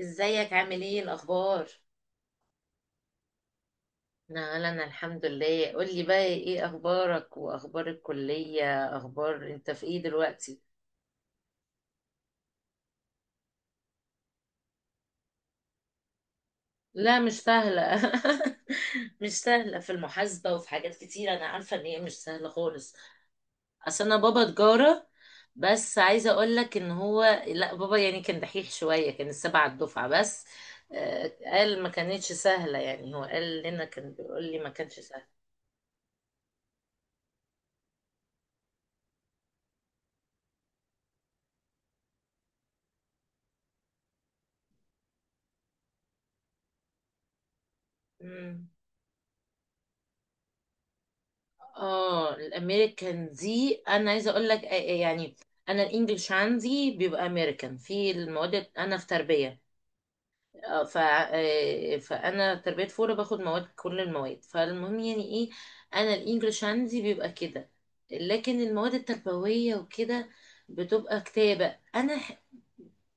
ازيك عامل ايه الاخبار؟ لا لا، انا الحمد لله. قولي بقى ايه اخبارك واخبار الكلية، اخبار انت في ايه دلوقتي؟ لا مش سهله. مش سهله. في المحاسبه وفي حاجات كتير، انا عارفه ان هي مش سهله خالص. اصل انا بابا تجاره، بس عايزه اقول لك ان هو لا بابا يعني كان دحيح شويه، كان السبعه الدفعه بس. آه، قال ما كانتش سهله، يعني هو قال لنا، كان بيقول لي ما كانش سهل. اه، الامريكان دي انا عايزه اقول لك، يعني انا الانجليش عندي بيبقى امريكان في المواد، انا في تربيه. اه، ف آه، فانا تربيه فوره باخد مواد، كل المواد، فالمهم يعني ايه، انا الانجليش عندي بيبقى كده، لكن المواد التربويه وكده بتبقى كتابه.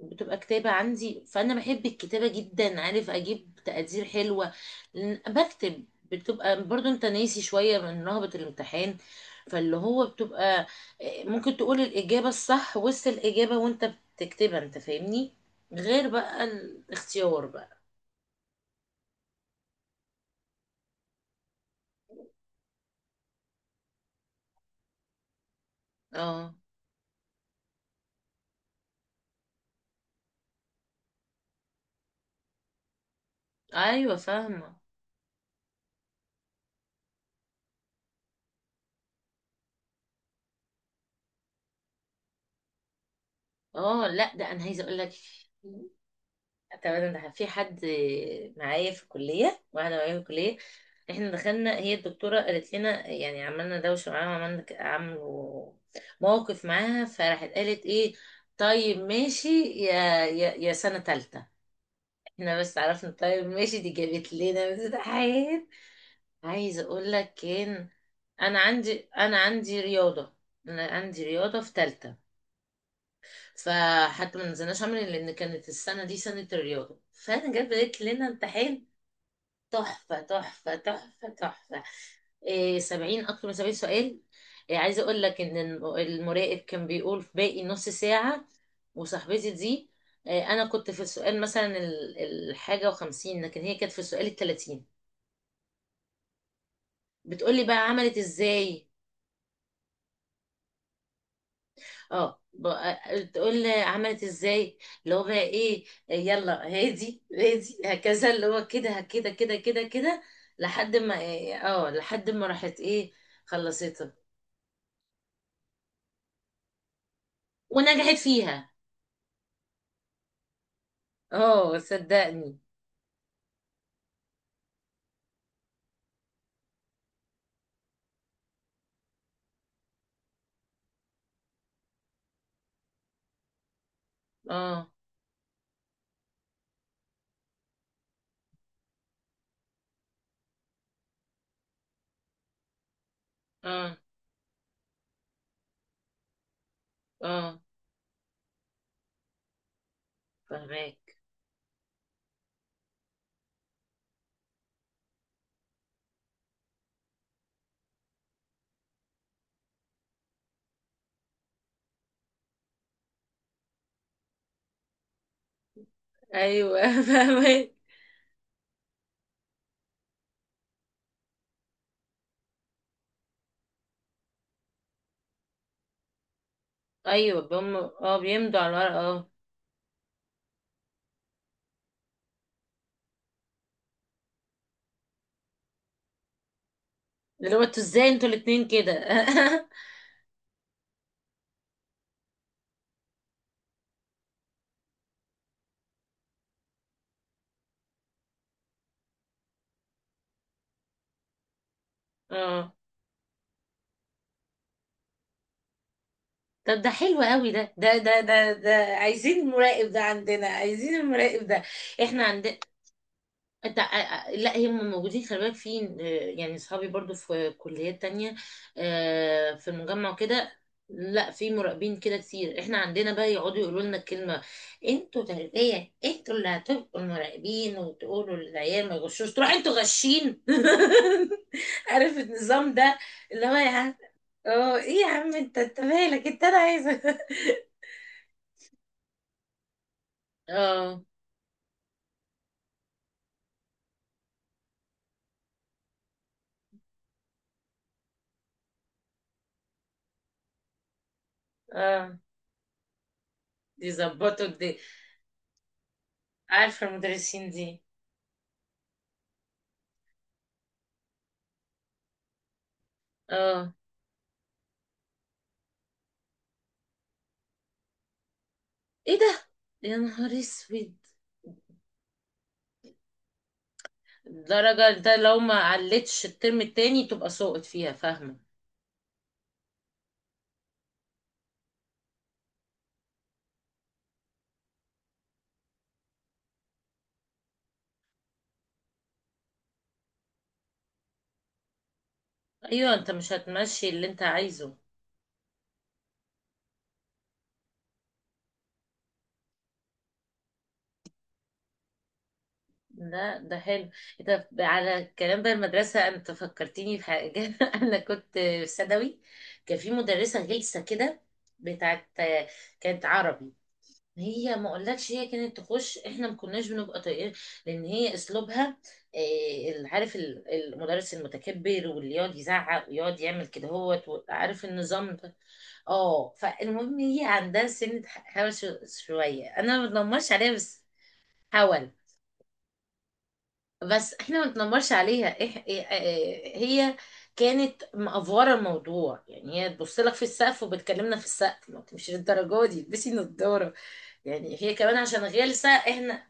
بتبقى كتابه عندي، فانا بحب الكتابه جدا، عارف اجيب تقدير حلوه لأن بكتب. بتبقى برضو انت ناسي شويه من رهبه الامتحان، فاللي هو بتبقى ممكن تقول الاجابه الصح وسط الاجابه وانت بتكتبها، انت فاهمني؟ غير بقى الاختيار بقى. اه، ايوه فاهمه. اه، لا ده انا عايزه اقول لك. تمام، ده في حد معايا في الكليه، واحده معايا في الكليه، احنا دخلنا، هي الدكتوره قالت لنا يعني، عملنا دوشه معاها، وعملنا عملوا موقف معاها، فراحت قالت ايه، طيب ماشي يا يا سنه تالته، احنا بس عرفنا طيب ماشي. دي جابت لنا امتحان، عايزه اقول لك، كان انا عندي رياضه، انا عندي رياضه في تالتة، فحتى ما نزلناش عمل، لان كانت السنه دي سنه الرياضه، فانا جت بدات لنا امتحان تحفه تحفه تحفه تحفه. إيه، 70، اكتر من 70 سؤال. إيه عايزه اقول لك ان المراقب كان بيقول في باقي نص ساعه، وصاحبتي دي، إيه انا كنت في السؤال مثلا الحاجه وخمسين، لكن هي كانت في السؤال التلاتين. بتقولي بقى عملت ازاي؟ اه، تقول لي عملت ازاي. اللي هو بقى ايه، يلا هادي هادي هكذا، اللي هو كده كده كده كده كده، لحد ما راحت ايه، خلصتها ونجحت فيها. اه صدقني. اه اه اه فهماك. ايوه فهماك. ايوه، بم اه بيمضوا على الورق. اه، اللي هو انتوا ازاي انتوا الاتنين كده؟ اه، طب ده حلو قوي، ده ده ده ده ده، عايزين المراقب ده عندنا، عايزين المراقب ده احنا عندنا. لا، هم موجودين، خلي بالك فين، يعني اصحابي برضو في كليات تانية، في المجمع وكده. لا، في مراقبين كده كتير، احنا عندنا بقى يقعدوا يقولوا لنا الكلمة، انتوا تربية، انتوا اللي هتبقوا المراقبين وتقولوا للعيال ما يغشوش، تروح انتوا غشين. عارف النظام ده؟ اللي هو يا عم، اه ايه يا عم، انت مالك؟ انت انا عايزه. اه اه، دي ظبطوا دي. عارفة المدرسين دي؟ اه ايه ده، يا نهار اسود. الدرجة ده لو ما علتش الترم التاني تبقى سقط فيها، فاهمة؟ ايوه، انت مش هتمشي اللي انت عايزه. لا ده حلو. انت على الكلام ده المدرسة، انت فكرتيني بحاجة. انا كنت في ثانوي، كان في مدرسة غلسة كده، بتاعت، كانت عربي. هي ما اقولكش، هي كانت تخش احنا ما كناش بنبقى طايقين، لان هي اسلوبها إيه، عارف المدرس المتكبر، واللي يقعد يزعق ويقعد يعمل كده هوت عارف النظام ده؟ اه، فالمهم هي عندها سنة هوس شوية، انا ما بتنمرش عليها بس حاول، بس احنا ما نتنمرش عليها، إح... إيه- آه، هي كانت مأفورة الموضوع. يعني هي تبص لك في السقف وبتكلمنا في السقف، ما مش للدرجة دي، البسي نضارة يعني، هي كمان عشان غلسة احنا،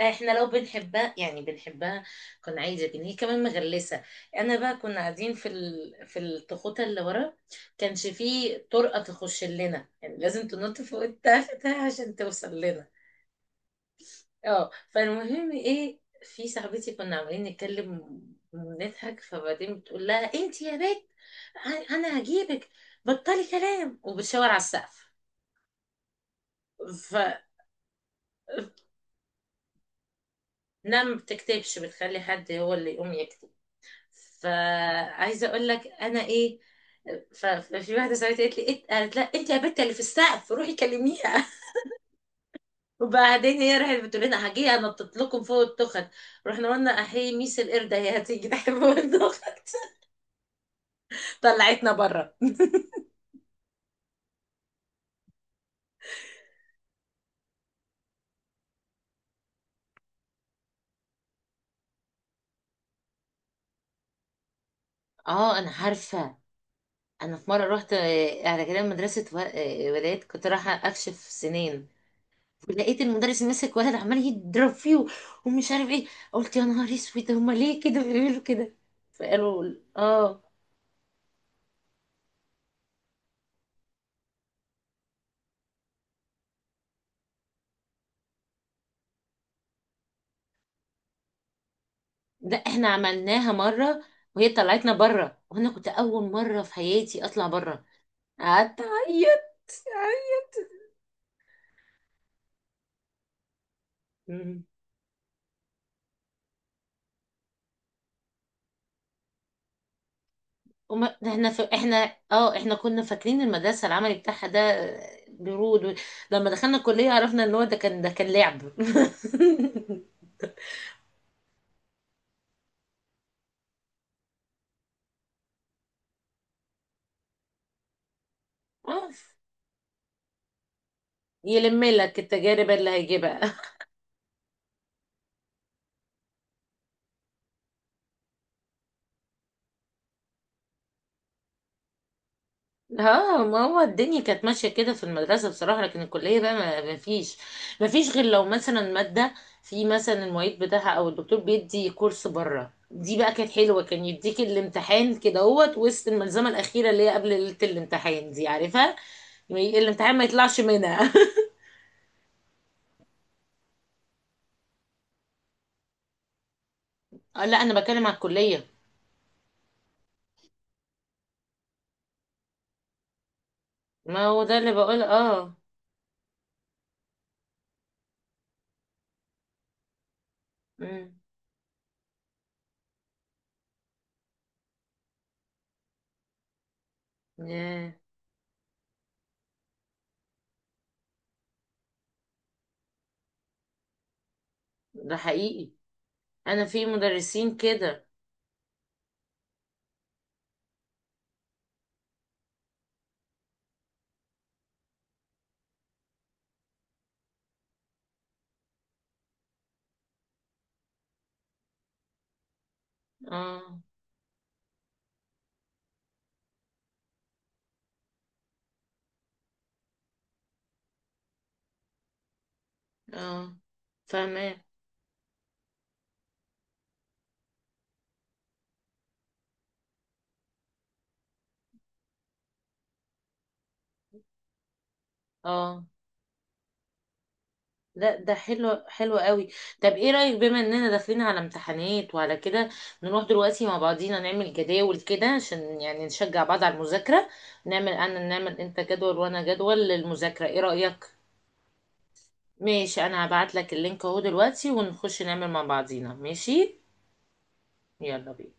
احنا لو بنحبها يعني بنحبها، كنا عايزة، لكن هي كمان مغلسة. انا بقى كنا قاعدين في التخوتة اللي ورا، كانش فيه طرقة تخش لنا، يعني لازم تنط فوق التختة عشان توصل لنا. اه، فالمهم ايه، في صاحبتي كنا عمالين نتكلم ونضحك، فبعدين بتقول لها انت يا بنت، انا هجيبك، بطلي كلام، وبتشاور على السقف. فانا ما بتكتبش، بتخلي حد هو اللي يقوم يكتب. فعايزه اقول لك انا ايه، ففي واحده صاحبتي قالت لي قالت لا انت يا بنت اللي في السقف روحي كلميها. وبعدين هي راحت بتقول لنا هجي انطط لكم فوق التخت، رحنا قلنا احيي ميس القرده، هي هتيجي تحت فوق التخت، طلعتنا بره. اه انا عارفه. انا في مره رحت على كلام مدرسه ولاد، كنت رايحه اكشف سنين، ولقيت المدرس ماسك ولد عمال يضرب فيه ومش عارف ايه، قلت يا نهار اسود، هما ليه كده بيعملوا كده؟ فقالوا اه. لا، احنا عملناها مره، وهي طلعتنا بره، وانا كنت اول مره في حياتي اطلع بره، قعدت اعيط. وما ده احنا ف... احنا اه احنا كنا فاكرين المدرسه العملي بتاعها ده برود و... لما دخلنا الكليه عرفنا ان هو ده كان لعب. آه. يلم لك التجارب اللي هيجيبها. اه، ما هو الدنيا كانت ماشية كده في المدرسة بصراحة، لكن الكلية بقى ما فيش، ما فيش غير لو مثلا مادة، في مثلا المعيد بتاعها او الدكتور بيدي كورس بره، دي بقى كانت حلوة، كان يديك الامتحان كده اهوت وسط الملزمة الأخيرة، اللي هي قبل ليلة الامتحان دي، عارفها، الامتحان ما يطلعش منها. آه، لا أنا بتكلم على الكلية. ما هو ده اللي بقول اه. امم. ياه. ده حقيقي. أنا في مدرسين كده. اه اه فاهمة. اه، ده حلو، حلو قوي. طب ايه رأيك، بما اننا داخلين على امتحانات وعلى كده، نروح دلوقتي مع بعضينا نعمل جداول كده عشان يعني نشجع بعض على المذاكرة، نعمل انا نعمل انت جدول وانا جدول للمذاكرة، ايه رأيك؟ ماشي، انا هبعت لك اللينك اهو دلوقتي، ونخش نعمل مع بعضينا ماشي. يلا بينا.